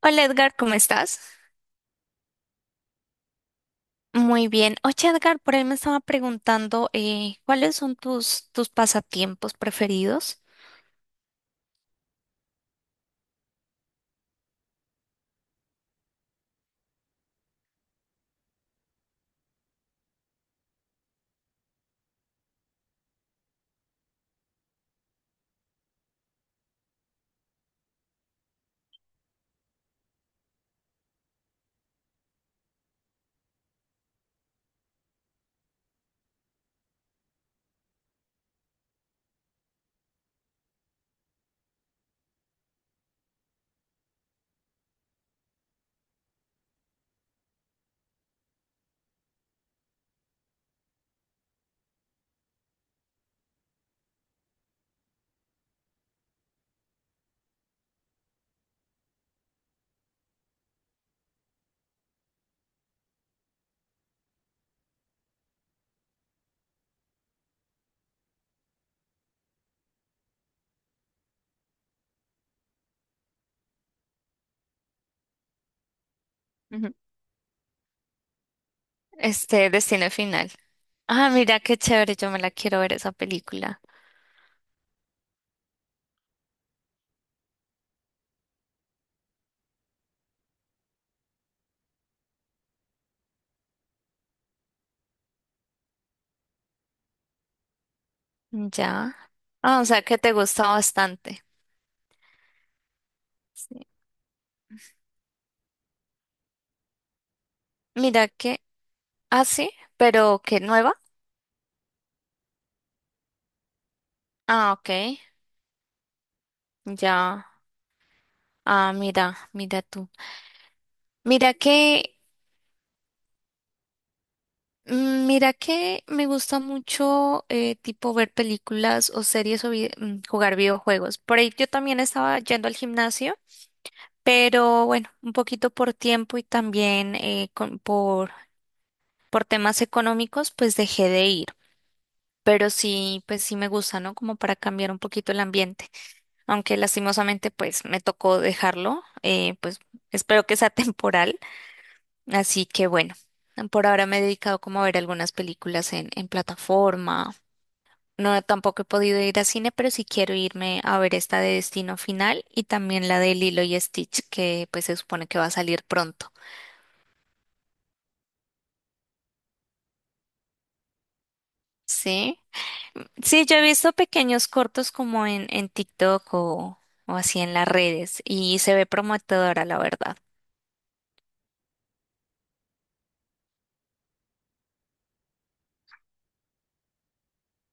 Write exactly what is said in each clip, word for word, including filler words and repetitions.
Hola Edgar, ¿cómo estás? Muy bien. Oye Edgar, por ahí me estaba preguntando eh, ¿cuáles son tus, tus pasatiempos preferidos? Ujú. Este, Destino Final. Ah, mira qué chévere, yo me la quiero ver esa película. Ya. Ah, o sea que te gusta bastante. Sí. Mira que, ah, sí, pero que nueva. Ah, ok, ya. Ah, mira, mira tú. Mira que Mm, mira que me gusta mucho eh, tipo ver películas o series o vi- mm, jugar videojuegos. Por ahí yo también estaba yendo al gimnasio, pero bueno, un poquito por tiempo y también eh, con- por, por temas económicos, pues dejé de ir. Pero sí, pues sí me gusta, ¿no? Como para cambiar un poquito el ambiente. Aunque lastimosamente pues me tocó dejarlo, eh, pues espero que sea temporal. Así que bueno, por ahora me he dedicado como a ver algunas películas en, en plataforma. No, tampoco he podido ir a cine, pero sí quiero irme a ver esta de Destino Final y también la de Lilo y Stitch, que pues se supone que va a salir pronto. Sí. Sí, yo he visto pequeños cortos como en, en TikTok o, o así en las redes y se ve prometedora, la verdad.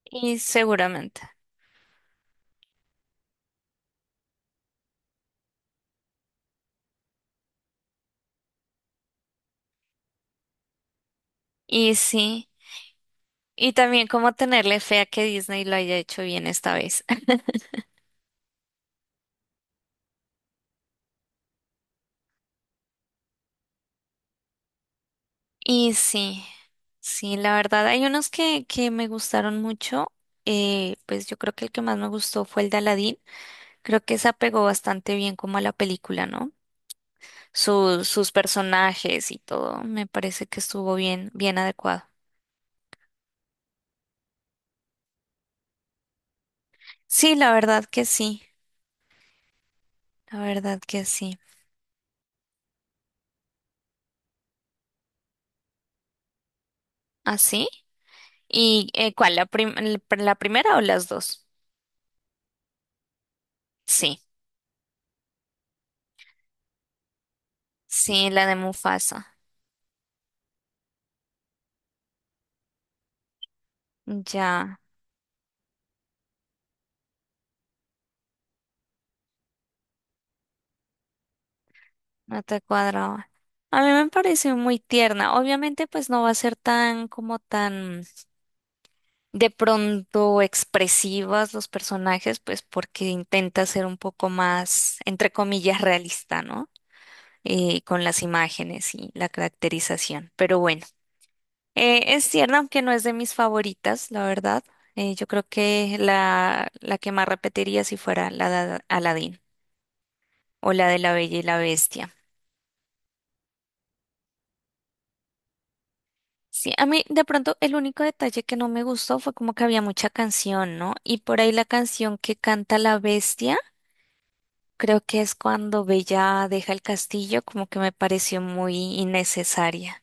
Y seguramente. Y sí. Y también como tenerle fe a que Disney lo haya hecho bien esta vez. Y sí, sí, la verdad, hay unos que, que me gustaron mucho. eh, pues yo creo que el que más me gustó fue el de Aladdin. Creo que se apegó bastante bien como a la película, ¿no? Su- sus personajes y todo, me parece que estuvo bien, bien adecuado. Sí, la verdad que sí, la verdad que sí. ¿Ah, sí? ¿Y eh, cuál? ¿La prim- la primera o las dos? Sí, sí, la de Mufasa. Ya. No te cuadraba. A mí me pareció muy tierna. Obviamente, pues no va a ser tan como tan de pronto expresivas los personajes, pues porque intenta ser un poco más, entre comillas, realista, ¿no? Eh, con las imágenes y la caracterización. Pero bueno, eh, es tierna, aunque no es de mis favoritas, la verdad. Eh, yo creo que la, la que más repetiría si fuera la de Aladdin o la de La Bella y la Bestia. Sí, a mí de pronto el único detalle que no me gustó fue como que había mucha canción, ¿no? Y por ahí la canción que canta la bestia, creo que es cuando Bella deja el castillo, como que me pareció muy innecesaria.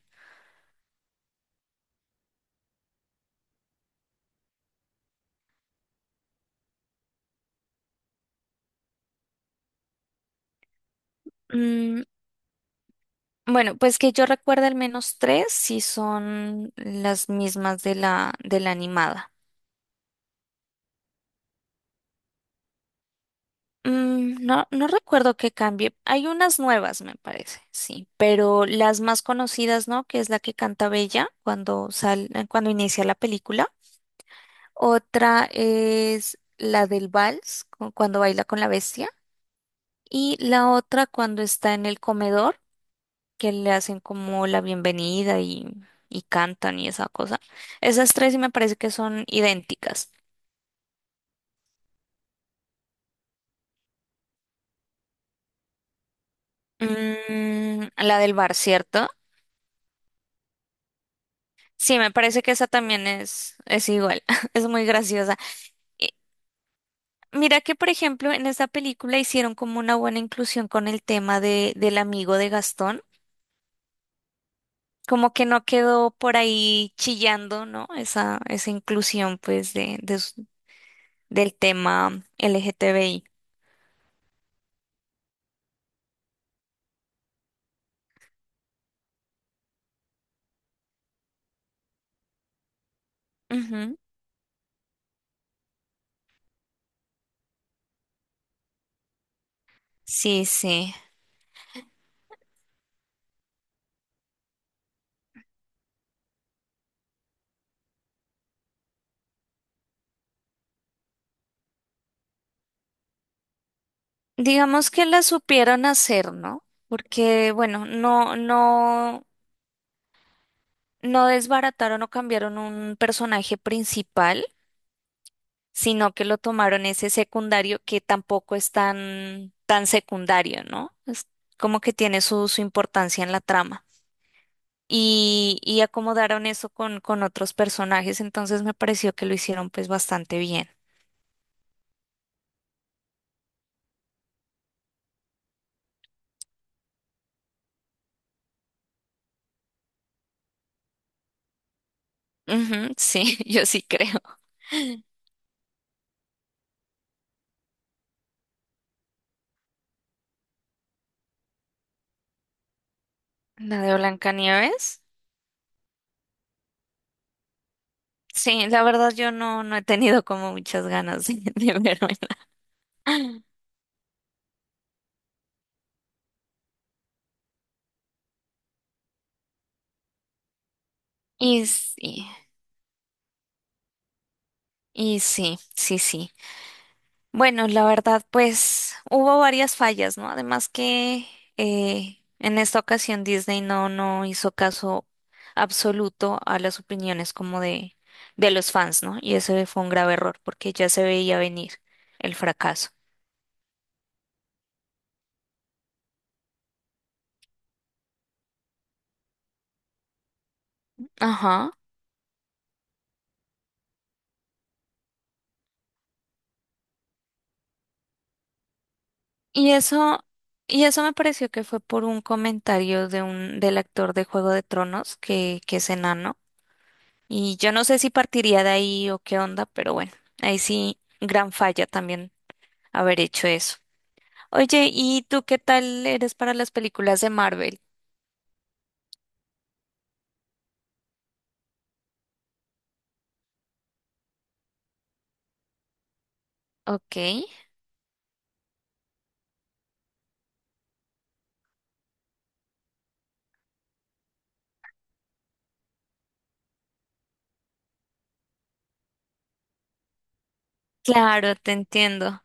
Mm, bueno, pues que yo recuerdo al menos tres, si son las mismas de la, de la animada. Mm, no, no recuerdo que cambie. Hay unas nuevas, me parece, sí, pero las más conocidas, ¿no? Que es la que canta Bella cuando sal, cuando inicia la película. Otra es la del vals, cu- cuando baila con la bestia. Y la otra cuando está en el comedor, que le hacen como la bienvenida y, y cantan y esa cosa. Esas tres sí me parece que son idénticas. Mm, la del bar, ¿cierto? Sí, me parece que esa también es, es igual, es muy graciosa. Y mira que, por ejemplo, en esta película hicieron como una buena inclusión con el tema de, del amigo de Gastón como que no quedó por ahí chillando, ¿no? Esa, esa inclusión, pues, de, de s- del tema L G T B I. Ujú. Sí, sí. Digamos que la supieron hacer, ¿no? Porque, bueno, no, no, no desbarataron o cambiaron un personaje principal, sino que lo tomaron ese secundario que tampoco es tan, tan secundario, ¿no? Es como que tiene su, su importancia en la trama. Y, y acomodaron eso con, con otros personajes, entonces me pareció que lo hicieron pues bastante bien. Ujú, sí, yo sí creo. La de Blancanieves. Sí, la verdad yo no, no he tenido como muchas ganas de, de verme. Y sí, y sí, sí, sí. Bueno, la verdad, pues hubo varias fallas, ¿no? Además que eh, en esta ocasión Disney no, no hizo caso absoluto a las opiniones como de, de los fans, ¿no? Y ese fue un grave error porque ya se veía venir el fracaso. Ajá. Y eso, y eso me pareció que fue por un comentario de un, del actor de Juego de Tronos que, que es enano. Y yo no sé si partiría de ahí o qué onda, pero bueno, ahí sí, gran falla también haber hecho eso. Oye, ¿y tú qué tal eres para las películas de Marvel? Ok, claro, te entiendo.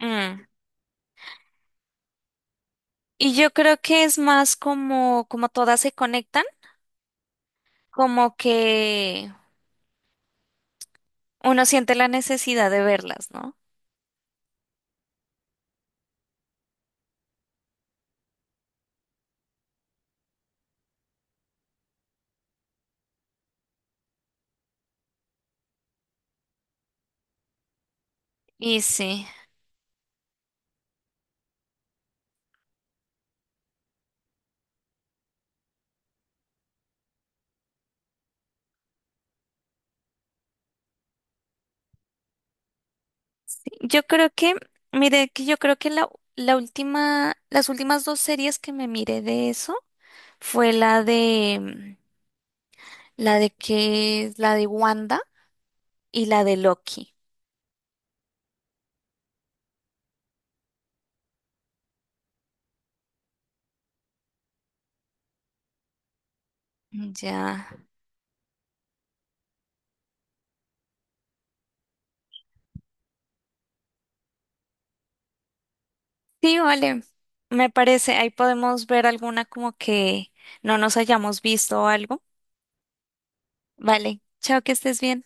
Mm. Y yo creo que es más como, como todas se conectan, como que uno siente la necesidad de verlas, ¿no? Y sí, yo creo que, mire, que yo creo que la, la última, las últimas dos series que me miré de eso fue la de, la de que, la de Wanda y la de Loki. Ya. Sí, vale, me parece, ahí podemos ver alguna como que no nos hayamos visto o algo. Vale, chao, que estés bien.